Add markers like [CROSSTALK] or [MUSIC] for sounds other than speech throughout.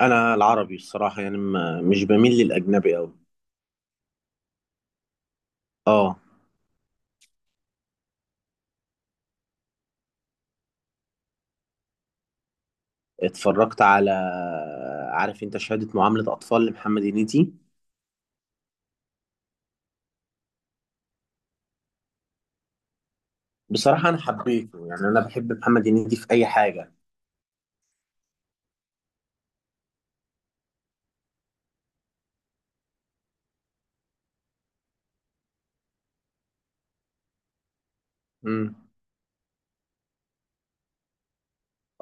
انا العربي الصراحه، يعني ما مش بميل للاجنبي قوي. اه. اتفرجت على... عارف انت شهاده معامله اطفال لمحمد هنيدي؟ بصراحه انا حبيته، يعني انا بحب محمد هنيدي في اي حاجه. امم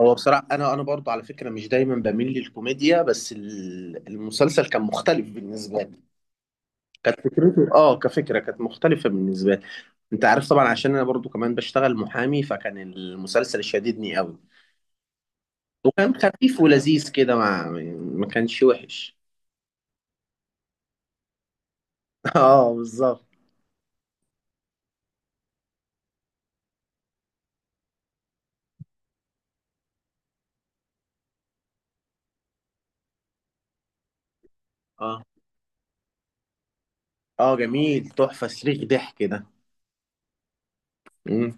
هو بصراحه انا برضو على فكره مش دايما بميل للكوميديا، بس المسلسل كان مختلف بالنسبه لي. كانت فكرته، كفكره، كانت مختلفه بالنسبه لي. انت عارف طبعا، عشان انا برضو كمان بشتغل محامي، فكان المسلسل شاددني قوي. وكان خفيف ولذيذ كده، ما كانش وحش. [LAUGHS] اه، بالظبط. اه، اه، جميل، تحفة صريخ ضحك ده. مم.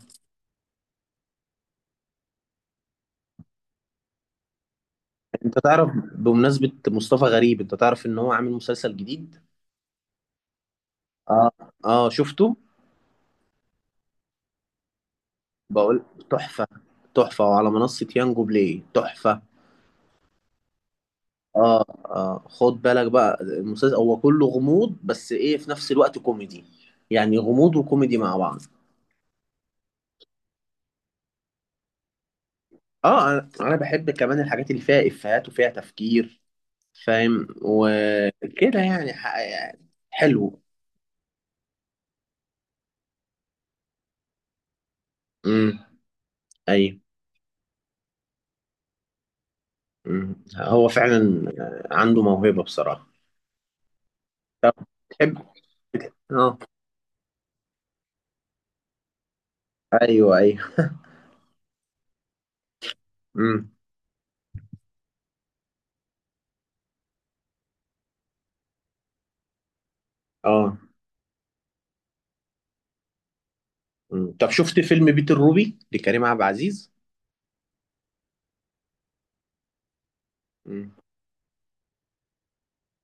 انت تعرف... بمناسبة مصطفى غريب، انت تعرف ان هو عامل مسلسل جديد؟ اه، اه، شفته. بقول... تحفة. تحفة، وعلى منصة يانجو بلاي تحفة. اه، اه، خد بالك بقى، المسلسل هو كله غموض بس ايه، في نفس الوقت كوميدي. يعني غموض وكوميدي مع بعض. اه، انا بحب كمان الحاجات اللي فيها افيهات وفيها تفكير. فاهم؟ وكده يعني, يعني حلو. امم. ايوه. مم. هو فعلا عنده موهبة بصراحة. طب... تحب... بتحب- اه ايوه، ايوه. امم. اه. مم. طب شفت فيلم بيت الروبي لكريم عبد العزيز؟ مم.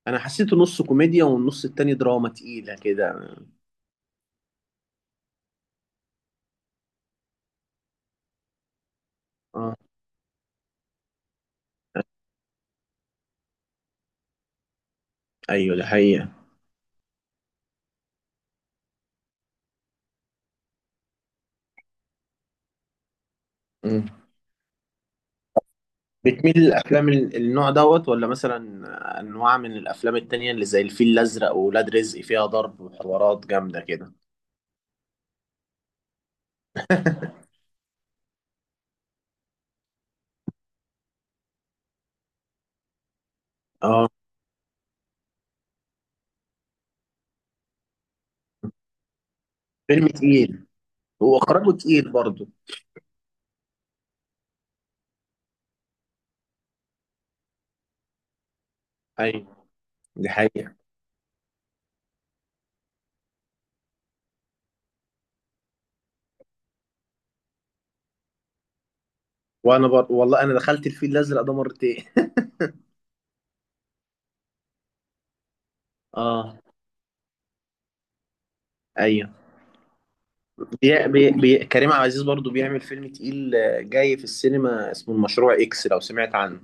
انا حسيته نص كوميديا، والنص التاني دراما تقيلة كده. اه، ايوه، ده حقيقة. مم. بتميل للافلام النوع دوت ولا مثلا انواع من الافلام التانية اللي زي الفيل الازرق وولاد رزق، فيها ضرب وحوارات جامدة كده؟ اه، فيلم تقيل. واخراجه تقيل برضه. ايوه، دي حقيقة. والله انا دخلت الفيل الازرق ده مرتين [LAUGHS] اه، ايوه. بي... بي... كريم عبد العزيز برضو بيعمل فيلم تقيل جاي في السينما اسمه المشروع اكس، لو سمعت عنه؟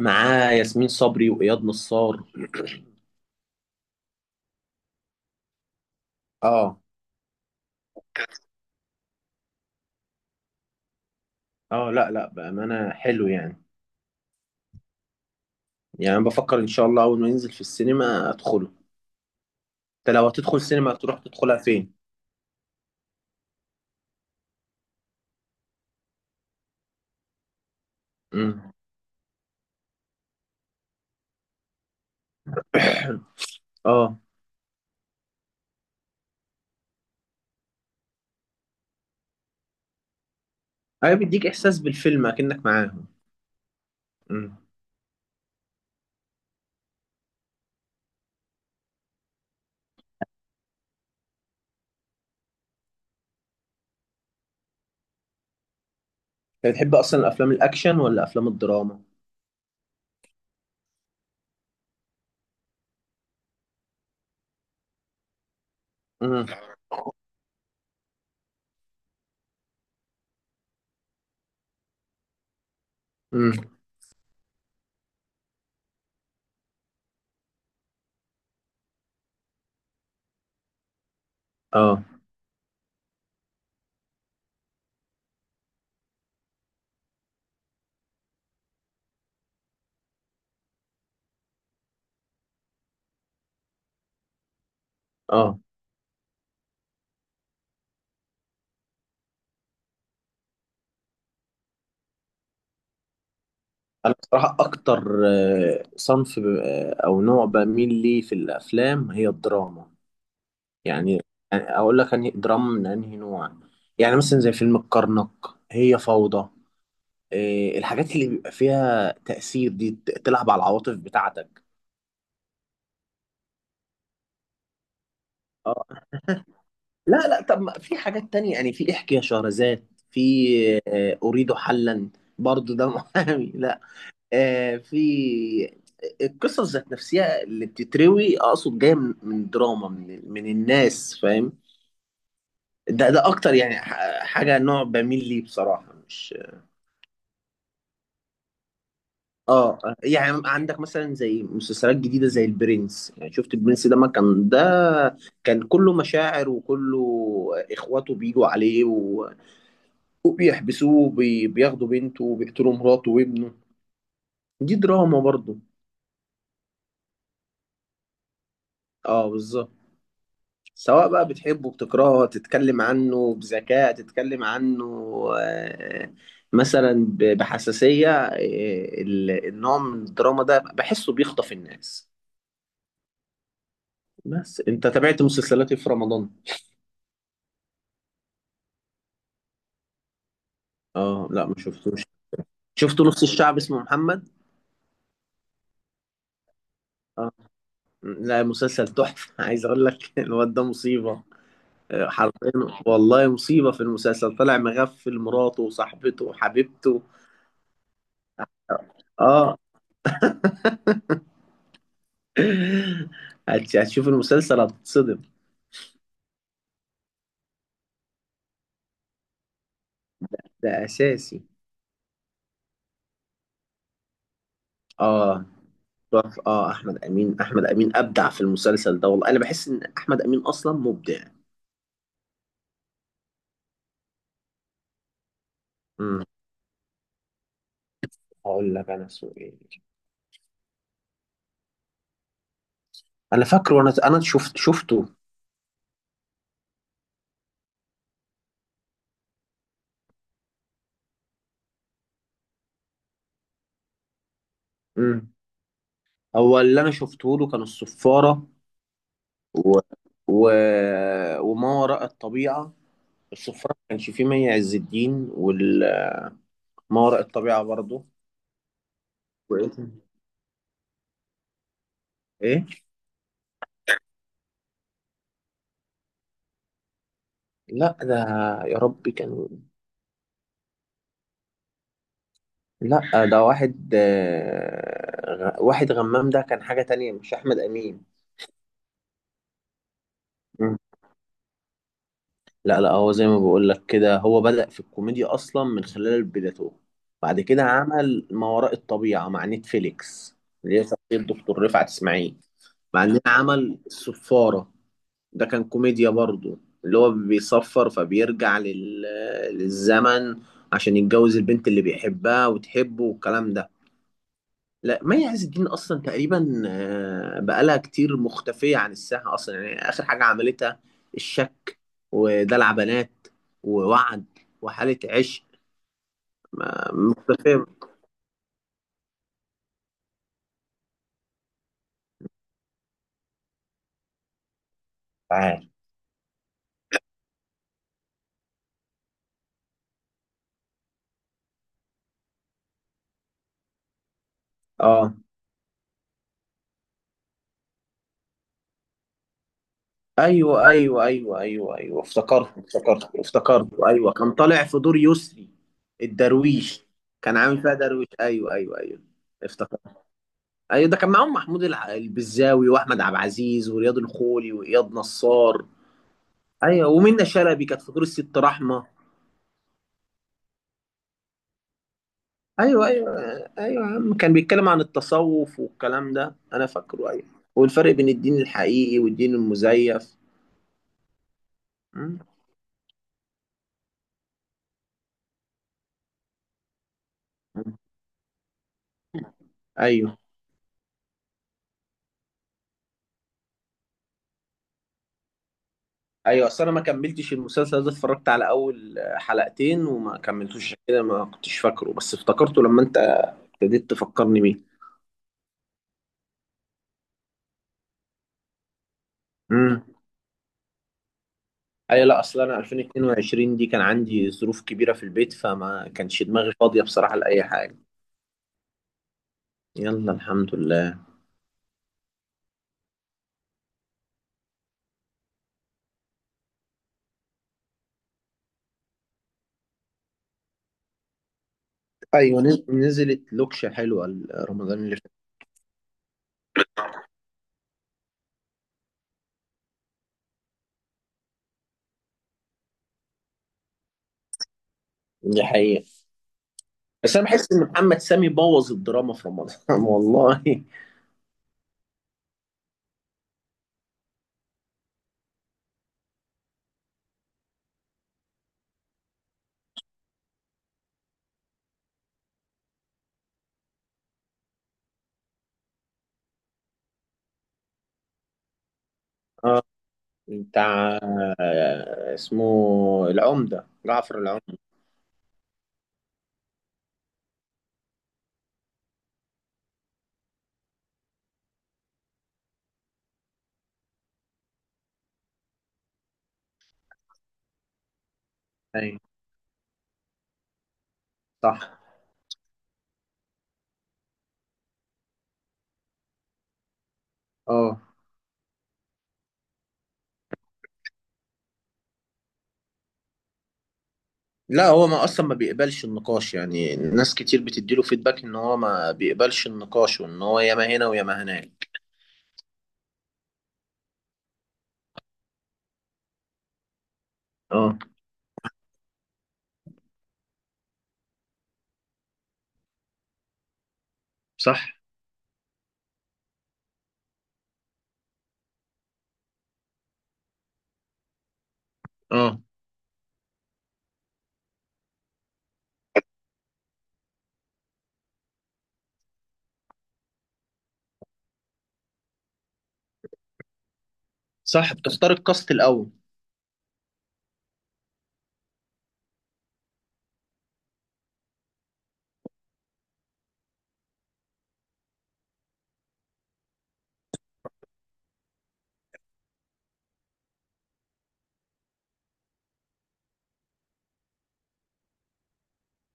معاه ياسمين صبري واياد نصار. اه، اه، لا لا، بامانه حلو يعني. يعني أنا بفكر ان شاء الله اول ما ينزل في السينما ادخله. انت لو هتدخل سينما تروح تدخلها فين؟ امم. [COUGHS] [CLEARS THROAT] اه. ايوه، بيديك احساس بالفيلم اكنك معاهم. امم. انت بتحب اصلا الافلام الاكشن ولا افلام الدراما؟ امم. امم. اه. اه، انا بصراحه اكتر صنف او نوع بميل ليه في الافلام هي الدراما. يعني... يعني اقول لك انهي دراما من انهي نوع. يعني مثلا زي فيلم الكرنك. هي فوضى. الحاجات اللي بيبقى فيها تأثير دي تلعب على العواطف بتاعتك. اه، لا لا، طب ما في حاجات تانية يعني، في احكي يا شهرزاد، في اريد حلا. برضه ده محامي [LAUGHS] لا. في... القصص ذات نفسها اللي بتتروي، اقصد جايه من دراما من الناس، فاهم؟ ده اكتر يعني، حاجه نوع بميل ليه بصراحه، مش... اه، يعني عندك مثلا زي مسلسلات جديده زي البرنس، يعني شفت البرنس ده؟ ما كان ده كان كله مشاعر، وكله اخواته بيجوا عليه و-... وبيحبسوه، بياخدوا بنته، وبيقتلوا مراته وابنه. دي دراما برضه. اه، بالظبط. سواء بقى بتحبه، بتكرهه، تتكلم عنه بذكاء، تتكلم عنه آه، مثلا بحساسية، النوع من الدراما ده بحسه بيخطف الناس. بس انت تابعت مسلسلاتي في رمضان؟ اه، لا، ما شفتوش. شفت نص الشعب اسمه محمد. اه، لا، مسلسل تحفة [LAUGHS] عايز اقول لك الواد ده مصيبة. حرفيا. والله مصيبة، في المسلسل طلع مغفل مراته وصاحبته وحبيبته. اه [LAUGHS] هتشوف المسلسل هتتصدم. ده اساسي. اه، تحفة. اه، احمد امين، احمد امين ابدع في المسلسل ده، والله انا بحس ان احمد امين اصلا مبدع. امم. هقول لك انا اسمه ايه. انا فاكره، وانا شفته. امم. هو اللي انا شفته له كان الصفاره. و... و... وما وراء الطبيعه. الصفاره ما كانش فيه مي عز الدين، وما وراء الطبيعه برضه. وايه تاني؟ إيه؟ لا، ده... يا ربي كان... لا، ده واحد واحد غمام، ده كان حاجة تانية مش أحمد أمين. مم. لا لا، هو زي ما بقول لك كده، هو بدأ في الكوميديا أصلا من خلال بدايته. بعد كده عمل ما وراء الطبيعة مع نتفليكس. اللي هي شخصية دكتور رفعت إسماعيل. بعدين عمل الصفارة. ده كان كوميديا برضو. اللي هو بيصفر فبيرجع لل... للزمن، عشان يتجوز البنت اللي بيحبها وتحبه والكلام ده. لا، مي عز الدين اصلا تقريبا بقالها كتير مختفيه عن الساحه اصلا، يعني اخر حاجه عملتها... الشك. ودلع بنات. ووعد. وحاله عشق. مختفيه، مش عارف. اه، ايوه ايوه ايوه ايوه ايوه، افتكرت، افتكرت، افتكرت، ايوه، كان طالع في دور يسري الدرويش. كان عامل فيها درويش، ايوه ايوه ايوه. افتكرت. ايوه، ده كان معاهم محمود البزاوي، واحمد عبد العزيز، ورياض الخولي، واياد نصار. ايوه، ومنة شلبي كانت في دور الست رحمه. ايوه، ايوه. ايوه يا عم، كان بيتكلم عن التصوف والكلام ده، انا فاكره، ايوه. والفرق بين الدين الحقيقي والدين المزيف. مم. ايوه، ايوه، اصل انا ما كملتش المسلسل ده، اتفرجت على اول حلقتين وما كملتوش، عشان كده ما كنتش فاكره، بس افتكرته لما انت ابتديت تفكرني بيه. امم. ايوه، لا، اصل انا 2022 دي كان عندي ظروف كبيره في البيت، فما كانش دماغي فاضيه بصراحه لاي حاجه. يلا الحمد لله. ايوه، نزلت لوكشه حلوه رمضان اللي فات. دي حقيقة، بس انا بحس ان محمد سامي بوظ الدراما في رمضان [LAUGHS] والله. اه، بتاع... اسمه... العمده، جعفر العمده. ايوه، صح. اه، لا، هو ما اصلا ما بيقبلش النقاش، يعني ناس كتير بتديله فيدباك ان هو ما بيقبلش النقاش، وان هو ياما هنا وياما هناك. اه. صح. اه، صح، بتختار الكاست الاول.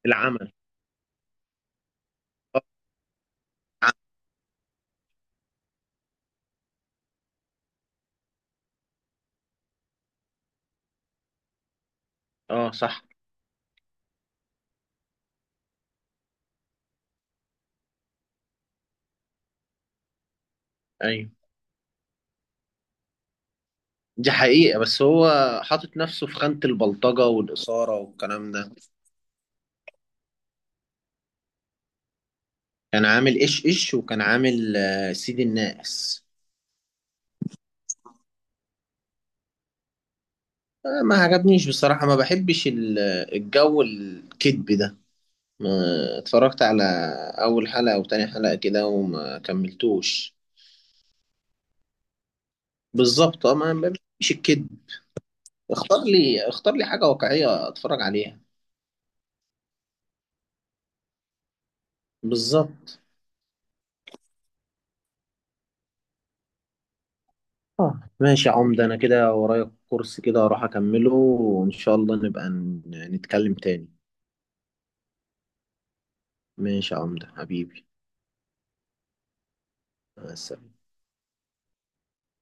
العمل. اه، اه، صح. ايوه، دي حقيقة، بس هو حاطط نفسه في خانة البلطجة والإثارة والكلام ده. كان عامل إيش إيش، وكان عامل سيد الناس. ما عجبنيش بصراحة، ما بحبش الجو الكذب ده. ما... اتفرجت على أول حلقة أو تاني حلقة كده، وما كملتوش. بالظبط، اه، ما بحبش الكذب. اختار لي، اختار لي حاجة واقعية اتفرج عليها. بالظبط. اه، ماشي يا عمده، انا كده ورايا كورس كده اروح اكمله، وان شاء الله نبقى نتكلم تاني. ماشي يا عمدة حبيبي. مع السلامة.